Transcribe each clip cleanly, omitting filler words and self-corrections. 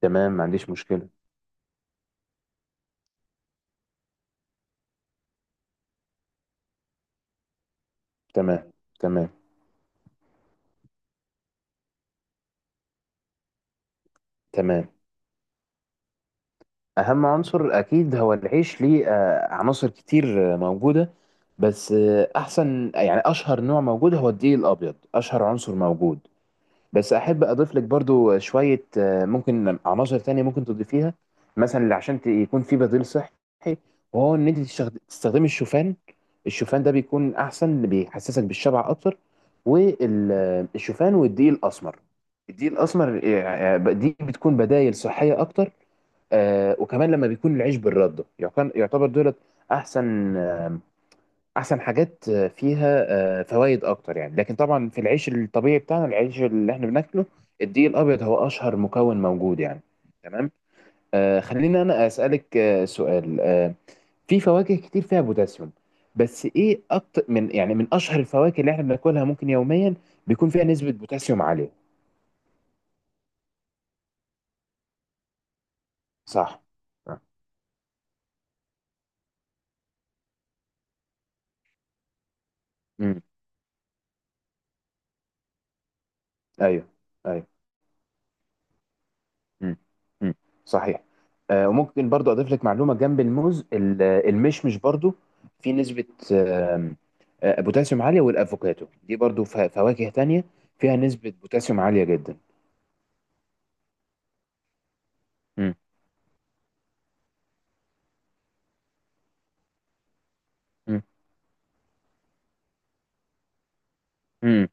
تمام. ما عنديش مشكلة. تمام. تمام. تمام. أهم عنصر أكيد هو العيش. ليه؟ عناصر كتير، موجودة. بس أحسن يعني أشهر نوع موجود هو الدقيق الأبيض، أشهر عنصر موجود. بس احب اضيف لك برضو شويه، ممكن عناصر تانية ممكن تضيفيها. مثلا اللي عشان يكون في بديل صحي، وهو ان انت تستخدمي الشوفان. الشوفان ده بيكون احسن، اللي بيحسسك بالشبع اكتر. والشوفان والدقيق الاسمر، الدقيق الاسمر آه، آه، دي بتكون بدائل صحيه اكتر. وكمان لما بيكون العيش بالرده يعتبر، دولت احسن، حاجات فيها فوائد اكتر يعني. لكن طبعا في العيش الطبيعي بتاعنا، العيش اللي احنا بناكله، الدقيق الابيض هو اشهر مكون موجود يعني. تمام. آه، خليني انا اسالك سؤال في فواكه كتير فيها بوتاسيوم، بس ايه اكتر من، يعني من اشهر الفواكه اللي احنا بناكلها ممكن يوميا بيكون فيها نسبة بوتاسيوم عالية؟ صح. آه. امم. ايوه. ايوه. مم. مم. صحيح. وممكن برضو اضيف لك معلومه جنب الموز، المشمش برضو، في نسبه آم، بوتاسيوم عاليه. والافوكاتو دي برضو، فواكه تانية فيها نسبه بوتاسيوم عاليه جدا. مم. مم.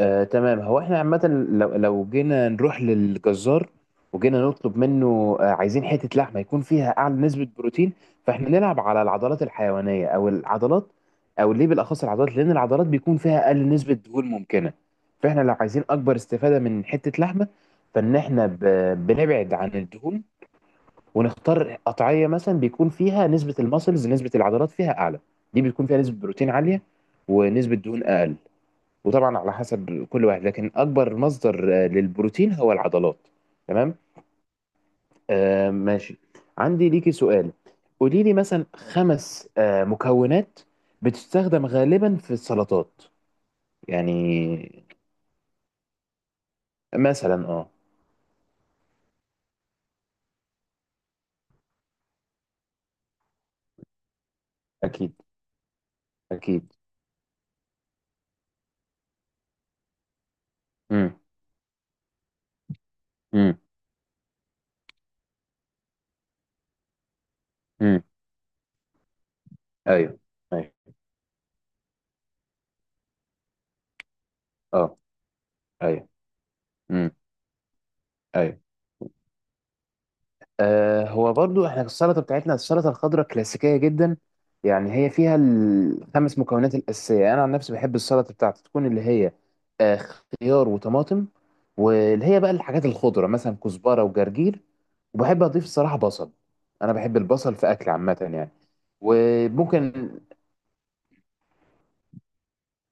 تمام. هو احنا عامة لو، جينا نروح للجزار، وجينا نطلب منه، عايزين حتة لحمة يكون فيها أعلى نسبة بروتين، فاحنا نلعب على العضلات الحيوانية، أو العضلات، أو ليه بالأخص العضلات؟ لأن العضلات بيكون فيها أقل نسبة دهون ممكنة. فاحنا لو عايزين أكبر استفادة من حتة لحمة، فإن احنا بنبعد عن الدهون، ونختار قطعية مثلا بيكون فيها نسبة المسلز، نسبة العضلات فيها أعلى. دي بيكون فيها نسبة بروتين عالية ونسبة دهون أقل. وطبعا على حسب كل واحد، لكن اكبر مصدر للبروتين هو العضلات. تمام. آه ماشي. عندي ليكي سؤال، قولي لي مثلا خمس مكونات بتستخدم غالبا في السلطات يعني. مثلا اه. اكيد. اكيد. امم. امم. امم. ايوه. ايوه. اه. ايوه. امم. ايوه. آه هو برضو احنا السلطه بتاعتنا، السلطه الخضراء كلاسيكيه جدا يعني. هي فيها الخمس مكونات الاساسيه. انا عن نفسي بحب السلطه بتاعتي تكون اللي هي آه خيار وطماطم، واللي هي بقى الحاجات الخضره مثلا كزبره وجرجير. وبحب اضيف الصراحه بصل، انا بحب البصل في اكل عامه يعني. وممكن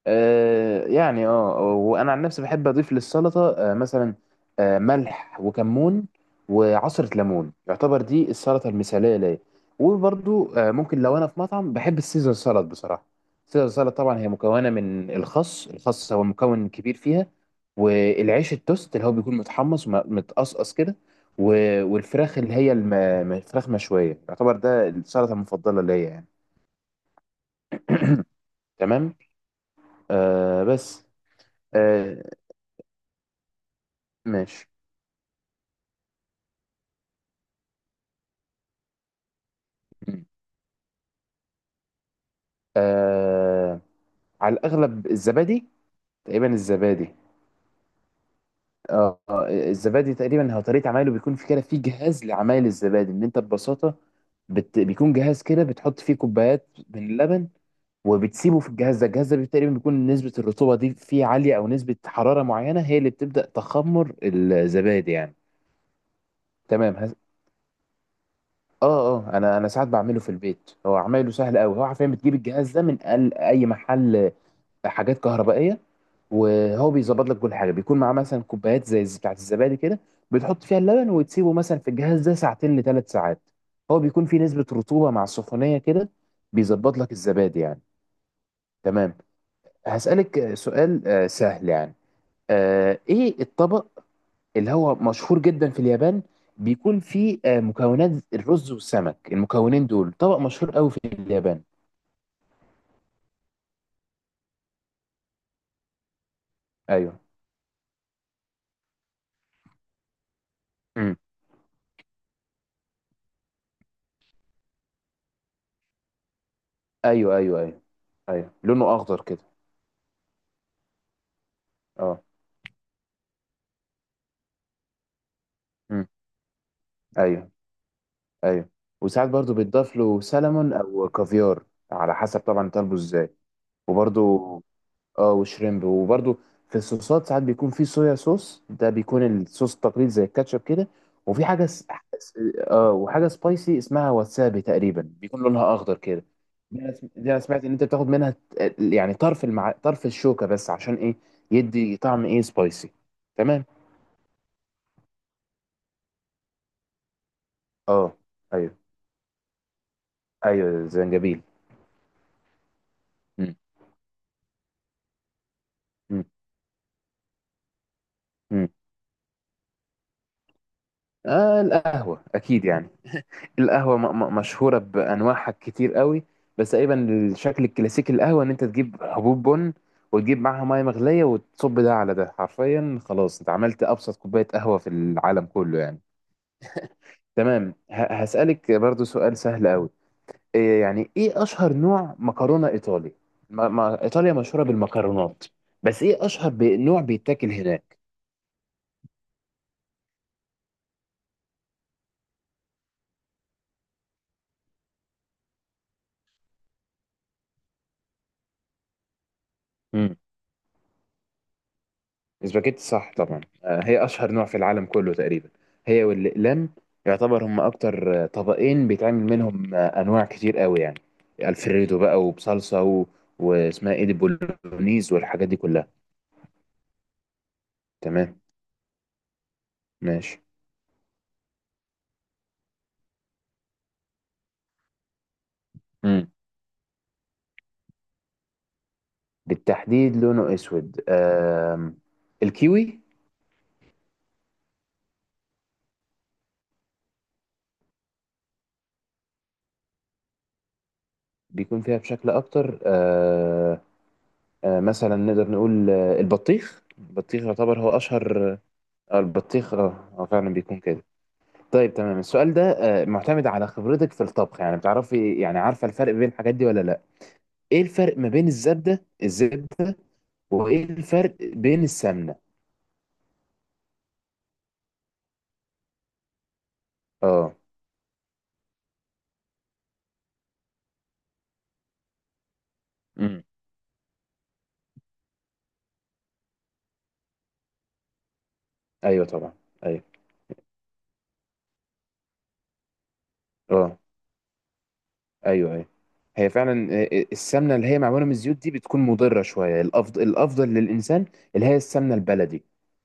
آه يعني اه، وانا عن نفسي بحب اضيف للسلطه مثلا ملح وكمون وعصره ليمون. يعتبر دي السلطه المثاليه ليا. وبرضو ممكن لو انا في مطعم بحب السيزر سلطه بصراحه. السيزر سلطه طبعا هي مكونه من الخس، الخس هو مكون كبير فيها، والعيش التوست اللي هو بيكون متحمص ومتقصقص كده، والفراخ اللي هي فراخ مشويه. يعتبر ده السلطه المفضله ليا يعني. تمام. آه بس. آه، ماشي. مم. آه على الأغلب الزبادي، تقريبا الزبادي. آه، الزبادي تقريبا هو طريقة عمايله، بيكون في كده في جهاز لعمايل الزبادي، إن أنت ببساطة بيكون جهاز كده بتحط فيه كوبايات من اللبن، وبتسيبه في الجهاز ده. الجهاز ده تقريبا بيكون نسبة الرطوبة دي فيه عالية، أو نسبة حرارة معينة هي اللي بتبدأ تخمر الزبادي يعني. تمام. اه. اه انا، ساعات بعمله في البيت، هو عمايله سهل قوي. هو عارفين بتجيب الجهاز ده من اي محل حاجات كهربائيه. وهو بيظبط لك كل حاجه، بيكون معاه مثلا كوبايات زي بتاعت الزبادي كده، بتحط فيها اللبن وتسيبه مثلا في الجهاز ده ساعتين لثلاث ساعات. هو بيكون فيه نسبه رطوبه مع السخونيه كده، بيظبط لك الزبادي يعني. تمام. هسألك سؤال سهل يعني. ايه الطبق اللي هو مشهور جدا في اليابان، بيكون فيه مكونات الرز والسمك؟ المكونين دول طبق مشهور قوي في اليابان. ايوه. امم. ايوه. ايوه. ايوه. ايوه، لونه اخضر كده. اه. مم. ايوه. ايوه. وساعات برضو بيتضاف له سلمون او كافيار، على حسب طبعا طالبه ازاي. وبرضو اه، وشريمب. وبرضو في الصوصات ساعات بيكون في صويا صوص، ده بيكون الصوص التقليدي زي الكاتشب كده. وفي حاجه اه، وحاجه سبايسي اسمها واتسابي تقريبا، بيكون لونها اخضر كده. دي انا دي أنا سمعت ان انت بتاخد منها يعني طرف طرف الشوكه بس، عشان ايه؟ يدي طعم ايه سبايسي. تمام. اه ايوه. ايوه زنجبيل. مم. مم. آه القهوة أكيد يعني. القهوة مشهورة بأنواعها كتير قوي. بس تقريبا الشكل الكلاسيكي القهوة إن أنت تجيب حبوب بن، وتجيب معاها مية مغلية، وتصب ده على ده، حرفيا خلاص أنت عملت أبسط كوباية قهوة في العالم كله يعني. تمام. هسألك برضو سؤال سهل قوي. إيه يعني، إيه أشهر نوع مكرونة إيطالي؟ ما إيطاليا مشهورة بالمكرونات، بس إيه أشهر نوع بيتاكل هناك؟ اسباجيتي، صح طبعا. هي اشهر نوع في العالم كله تقريبا، هي والاقلام. يعتبر هم اكتر طبقين بيتعمل منهم انواع كتير قوي يعني. الفريدو بقى، وبصلصه، و... واسمها ايه دي، بولونيز، والحاجات دي كلها. تمام. ماشي. امم. بالتحديد لونه اسود. الكيوي. بيكون فيها بشكل اكتر مثلا نقدر نقول البطيخ. يعتبر هو اشهر. البطيخ اه، هو فعلا بيكون كده. طيب تمام. السؤال ده معتمد على خبرتك في الطبخ يعني، بتعرفي يعني عارفة الفرق بين الحاجات دي ولا لا؟ ايه الفرق ما بين الزبدة، وايه الفرق بين السمنة؟ اه. امم. ايوه طبعا. ايوه. اه. ايوه. ايوه. هي فعلا السمنه اللي هي معموله من الزيوت دي بتكون مضره شويه. الافضل، للانسان اللي هي السمنه البلدي.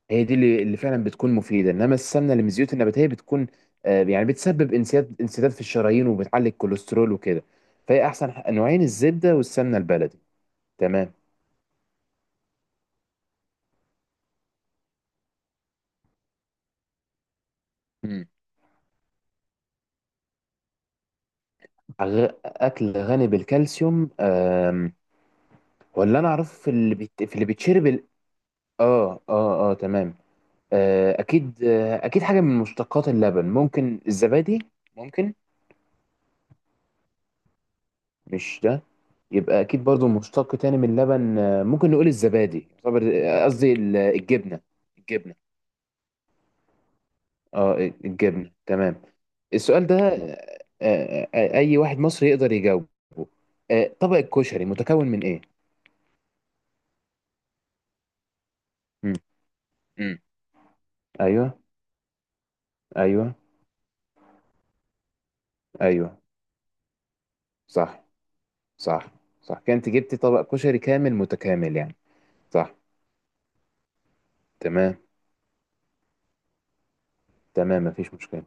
هي دي اللي، فعلا بتكون مفيده. انما السمنه اللي من الزيوت النباتيه بتكون، يعني بتسبب انسداد، في الشرايين، وبتعلي الكوليسترول وكده. فهي احسن نوعين الزبده والسمنه البلدي. تمام. مم. اكل غني بالكالسيوم. ولا، انا اعرف في في اللي بيتشرب ال... اه اه اه تمام. اكيد، اكيد حاجه من مشتقات اللبن، ممكن الزبادي ممكن. مش ده؟ يبقى اكيد برضو مشتق تاني من اللبن، ممكن نقول الزبادي قصدي الجبنه. الجبنه. اه الجبنه. تمام. السؤال ده اي واحد مصري يقدر يجاوبه. طبق الكشري متكون من ايه؟ مم. مم. ايوه. ايوه. ايوه. صح. صح. صح، كانت جبتي طبق كشري كامل متكامل يعني. صح. تمام. تمام، مفيش مشكله.